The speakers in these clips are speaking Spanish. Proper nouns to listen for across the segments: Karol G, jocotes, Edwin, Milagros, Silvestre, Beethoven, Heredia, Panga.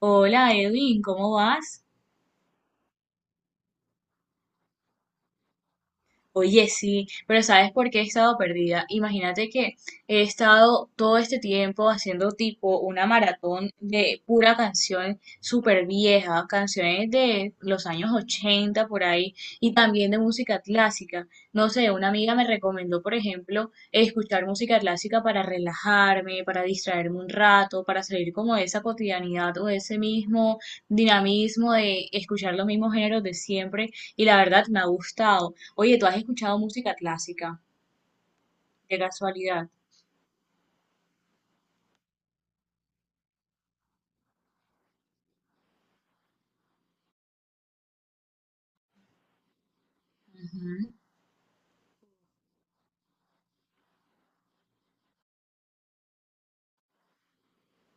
Hola Edwin, ¿cómo vas? Oye, sí, pero ¿sabes por qué he estado perdida? Imagínate que he estado todo este tiempo haciendo tipo una maratón de pura canción súper vieja, canciones de los años 80 por ahí y también de música clásica. No sé, una amiga me recomendó, por ejemplo, escuchar música clásica para relajarme, para distraerme un rato, para salir como de esa cotidianidad o de ese mismo dinamismo de escuchar los mismos géneros de siempre y la verdad me ha gustado. Oye, ¿tú has escuchado música clásica? De casualidad.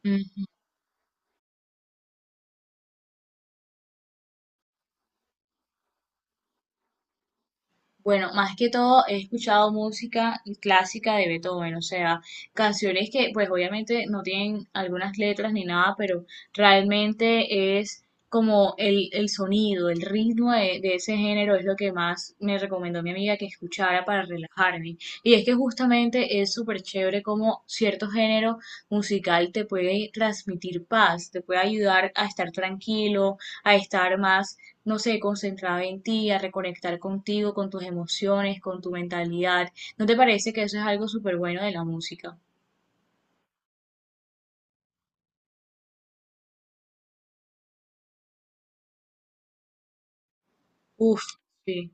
Ujú. Bueno, más que todo he escuchado música clásica de Beethoven, o sea, canciones que pues obviamente no tienen algunas letras ni nada, pero realmente es como el sonido, el ritmo de ese género es lo que más me recomendó mi amiga que escuchara para relajarme. Y es que justamente es súper chévere como cierto género musical te puede transmitir paz, te puede ayudar a estar tranquilo, a estar más no sé, concentrada en ti, a reconectar contigo, con tus emociones, con tu mentalidad. ¿No te parece que eso es algo súper bueno de la música? Uf, sí.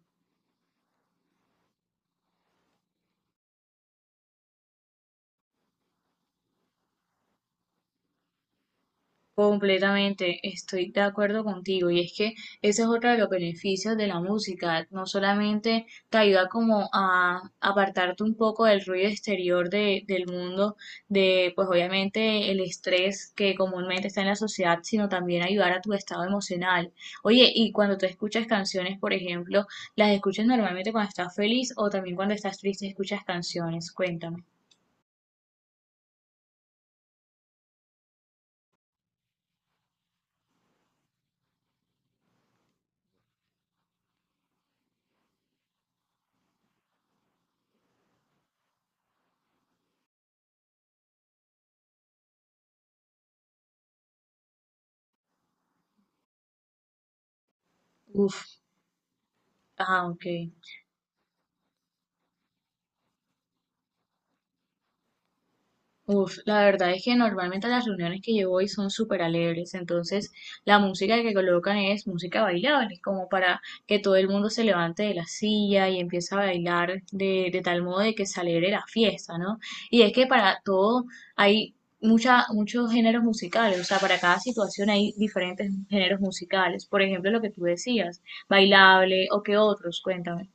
Completamente, estoy de acuerdo contigo. Y es que ese es otro de los beneficios de la música. No solamente te ayuda como a apartarte un poco del ruido exterior del mundo, de pues obviamente el estrés que comúnmente está en la sociedad, sino también ayudar a tu estado emocional. Oye, y cuando tú escuchas canciones, por ejemplo, ¿las escuchas normalmente cuando estás feliz o también cuando estás triste escuchas canciones? Cuéntame. Uf, ah, ok. Uf, la verdad es que normalmente las reuniones que yo voy son súper alegres, entonces la música que colocan es música bailable, como para que todo el mundo se levante de la silla y empiece a bailar de tal modo de que se alegre la fiesta, ¿no? Y es que para todo hay muchos géneros musicales, o sea, para cada situación hay diferentes géneros musicales, por ejemplo, lo que tú decías, bailable o qué otros, cuéntame.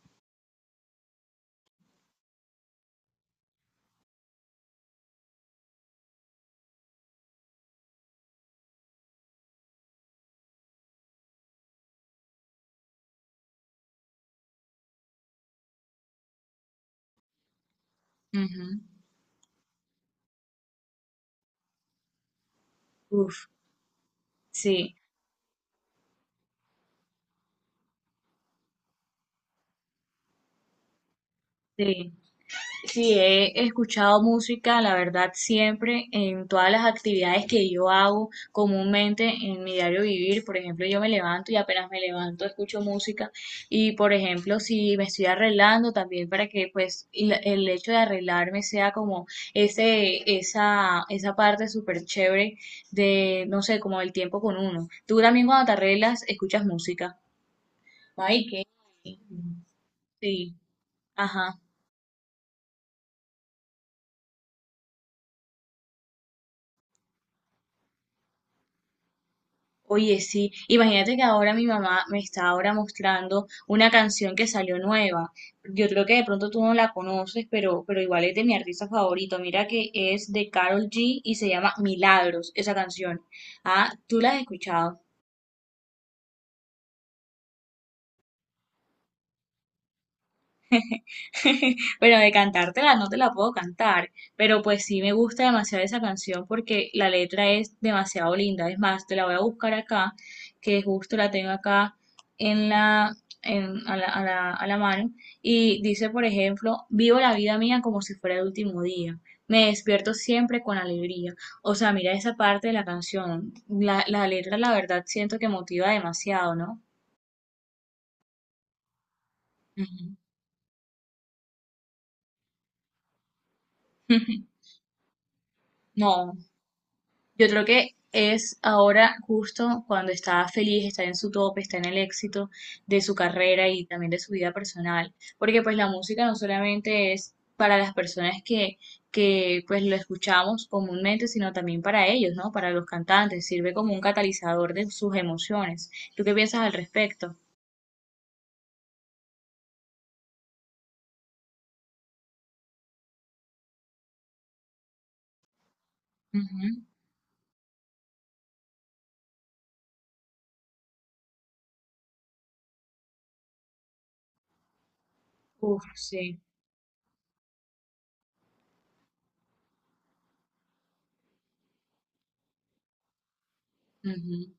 Ujú. Uf, sí, sí. Sí, he escuchado música, la verdad, siempre en todas las actividades que yo hago comúnmente en mi diario vivir. Por ejemplo, yo me levanto y apenas me levanto escucho música. Y por ejemplo, si me estoy arreglando también para que pues y el hecho de arreglarme sea como esa parte súper chévere de, no sé, como el tiempo con uno. Tú también cuando te arreglas escuchas música. Ay, qué. Sí, ajá. Oye, sí, imagínate que ahora mi mamá me está ahora mostrando una canción que salió nueva. Yo creo que de pronto tú no la conoces, pero igual es de mi artista favorito. Mira que es de Karol G y se llama Milagros, esa canción. Ah, ¿tú la has escuchado? Pero de cantártela no te la puedo cantar, pero pues sí me gusta demasiado esa canción porque la letra es demasiado linda. Es más, te la voy a buscar acá, que justo la tengo acá en la, en- a la, a la, a la mano. Y dice, por ejemplo, vivo la vida mía como si fuera el último día. Me despierto siempre con alegría. O sea, mira esa parte de la canción. La letra, la verdad, siento que motiva demasiado, ¿no? Ujú. No. Yo creo que es ahora justo cuando está feliz, está en su tope, está en el éxito de su carrera y también de su vida personal, porque pues la música no solamente es para las personas que pues lo escuchamos comúnmente, sino también para ellos, ¿no? Para los cantantes, sirve como un catalizador de sus emociones. ¿Tú qué piensas al respecto? Ujú. Uf, sí. Ujú.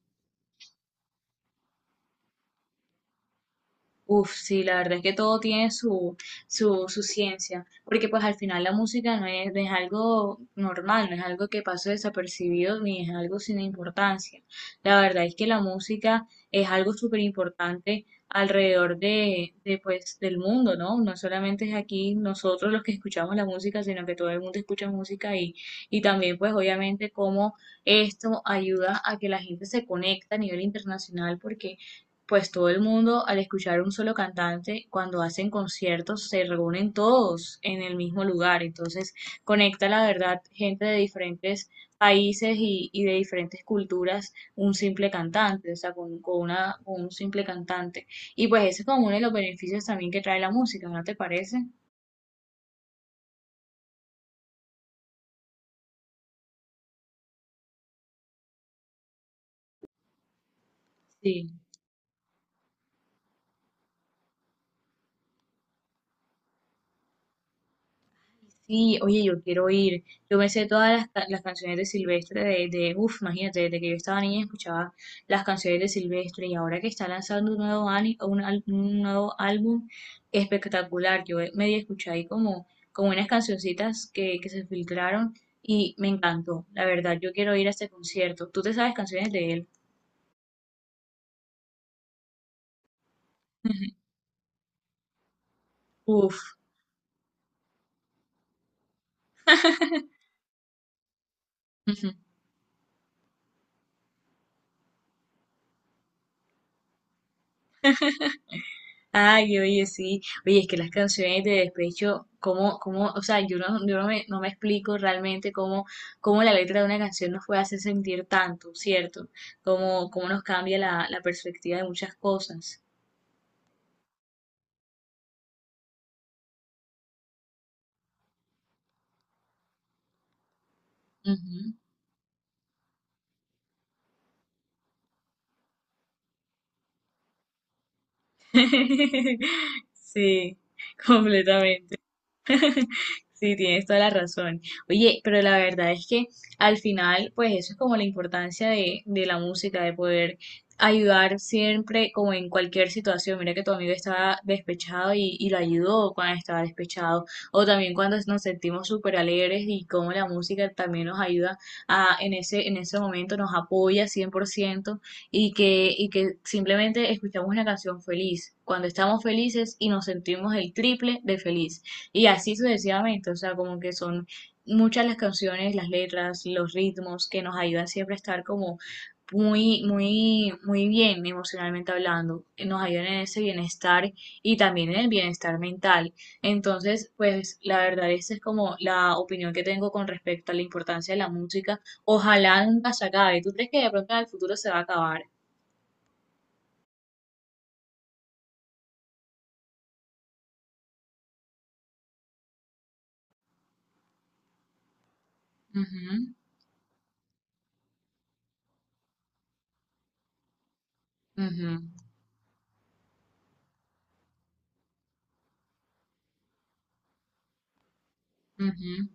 Uf, sí, la verdad es que todo tiene su ciencia, porque pues al final la música no es algo normal, no es algo que pase desapercibido ni es algo sin importancia. La verdad es que la música es algo súper importante alrededor del mundo, ¿no? No solamente es aquí nosotros los que escuchamos la música, sino que todo el mundo escucha música y también pues obviamente cómo esto ayuda a que la gente se conecte a nivel internacional, porque pues todo el mundo al escuchar un solo cantante, cuando hacen conciertos, se reúnen todos en el mismo lugar. Entonces conecta la verdad gente de diferentes países y de diferentes culturas un simple cantante, o sea, con un simple cantante. Y pues ese es como uno de los beneficios también que trae la música, ¿no te parece? Sí. Sí, oye, yo quiero ir. Yo me sé todas las canciones de Silvestre, de uff, imagínate, desde que yo estaba niña escuchaba las canciones de Silvestre y ahora que está lanzando un nuevo, ani- un, al- un nuevo álbum espectacular. Yo medio escuché ahí como, unas cancioncitas que se filtraron y me encantó. La verdad, yo quiero ir a este concierto. ¿Tú te sabes canciones de él? Uf. Ay, oye, sí. Oye, es que las canciones de despecho, cómo, o sea, yo no, yo no me, no me explico realmente cómo la letra de una canción nos puede hacer sentir tanto, ¿cierto? Cómo nos cambia la perspectiva de muchas cosas. Ujú. Sí, completamente. Sí, tienes toda la razón. Oye, pero la verdad es que al final, pues eso es como la importancia de la música, de poder ayudar siempre, como en cualquier situación. Mira que tu amigo estaba despechado y lo ayudó cuando estaba despechado. O también cuando nos sentimos súper alegres y cómo la música también nos ayuda en ese momento nos apoya 100% y que simplemente escuchamos una canción feliz. Cuando estamos felices y nos sentimos el triple de feliz. Y así sucesivamente, o sea, como que son muchas las canciones, las letras, los ritmos que nos ayudan siempre a estar como muy, muy, muy bien emocionalmente hablando, nos ayudan en ese bienestar y también en el bienestar mental. Entonces, pues la verdad, esa es como la opinión que tengo con respecto a la importancia de la música. Ojalá nunca se acabe. ¿Tú crees que de pronto en el futuro se va a acabar? Ujú, ujú, ujú.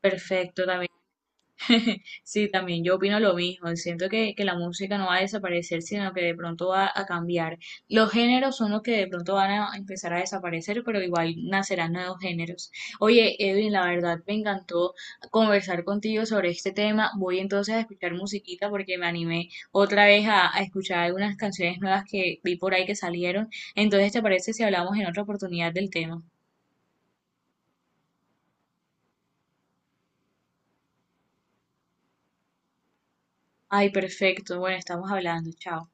Perfecto, también. Sí, también yo opino lo mismo. Siento que la música no va a desaparecer, sino que de pronto va a cambiar. Los géneros son los que de pronto van a empezar a desaparecer, pero igual nacerán nuevos géneros. Oye, Edwin, la verdad me encantó conversar contigo sobre este tema. Voy entonces a escuchar musiquita porque me animé otra vez a escuchar algunas canciones nuevas que vi por ahí que salieron. Entonces, ¿te parece si hablamos en otra oportunidad del tema? Ay, perfecto. Bueno, estamos hablando. Chao.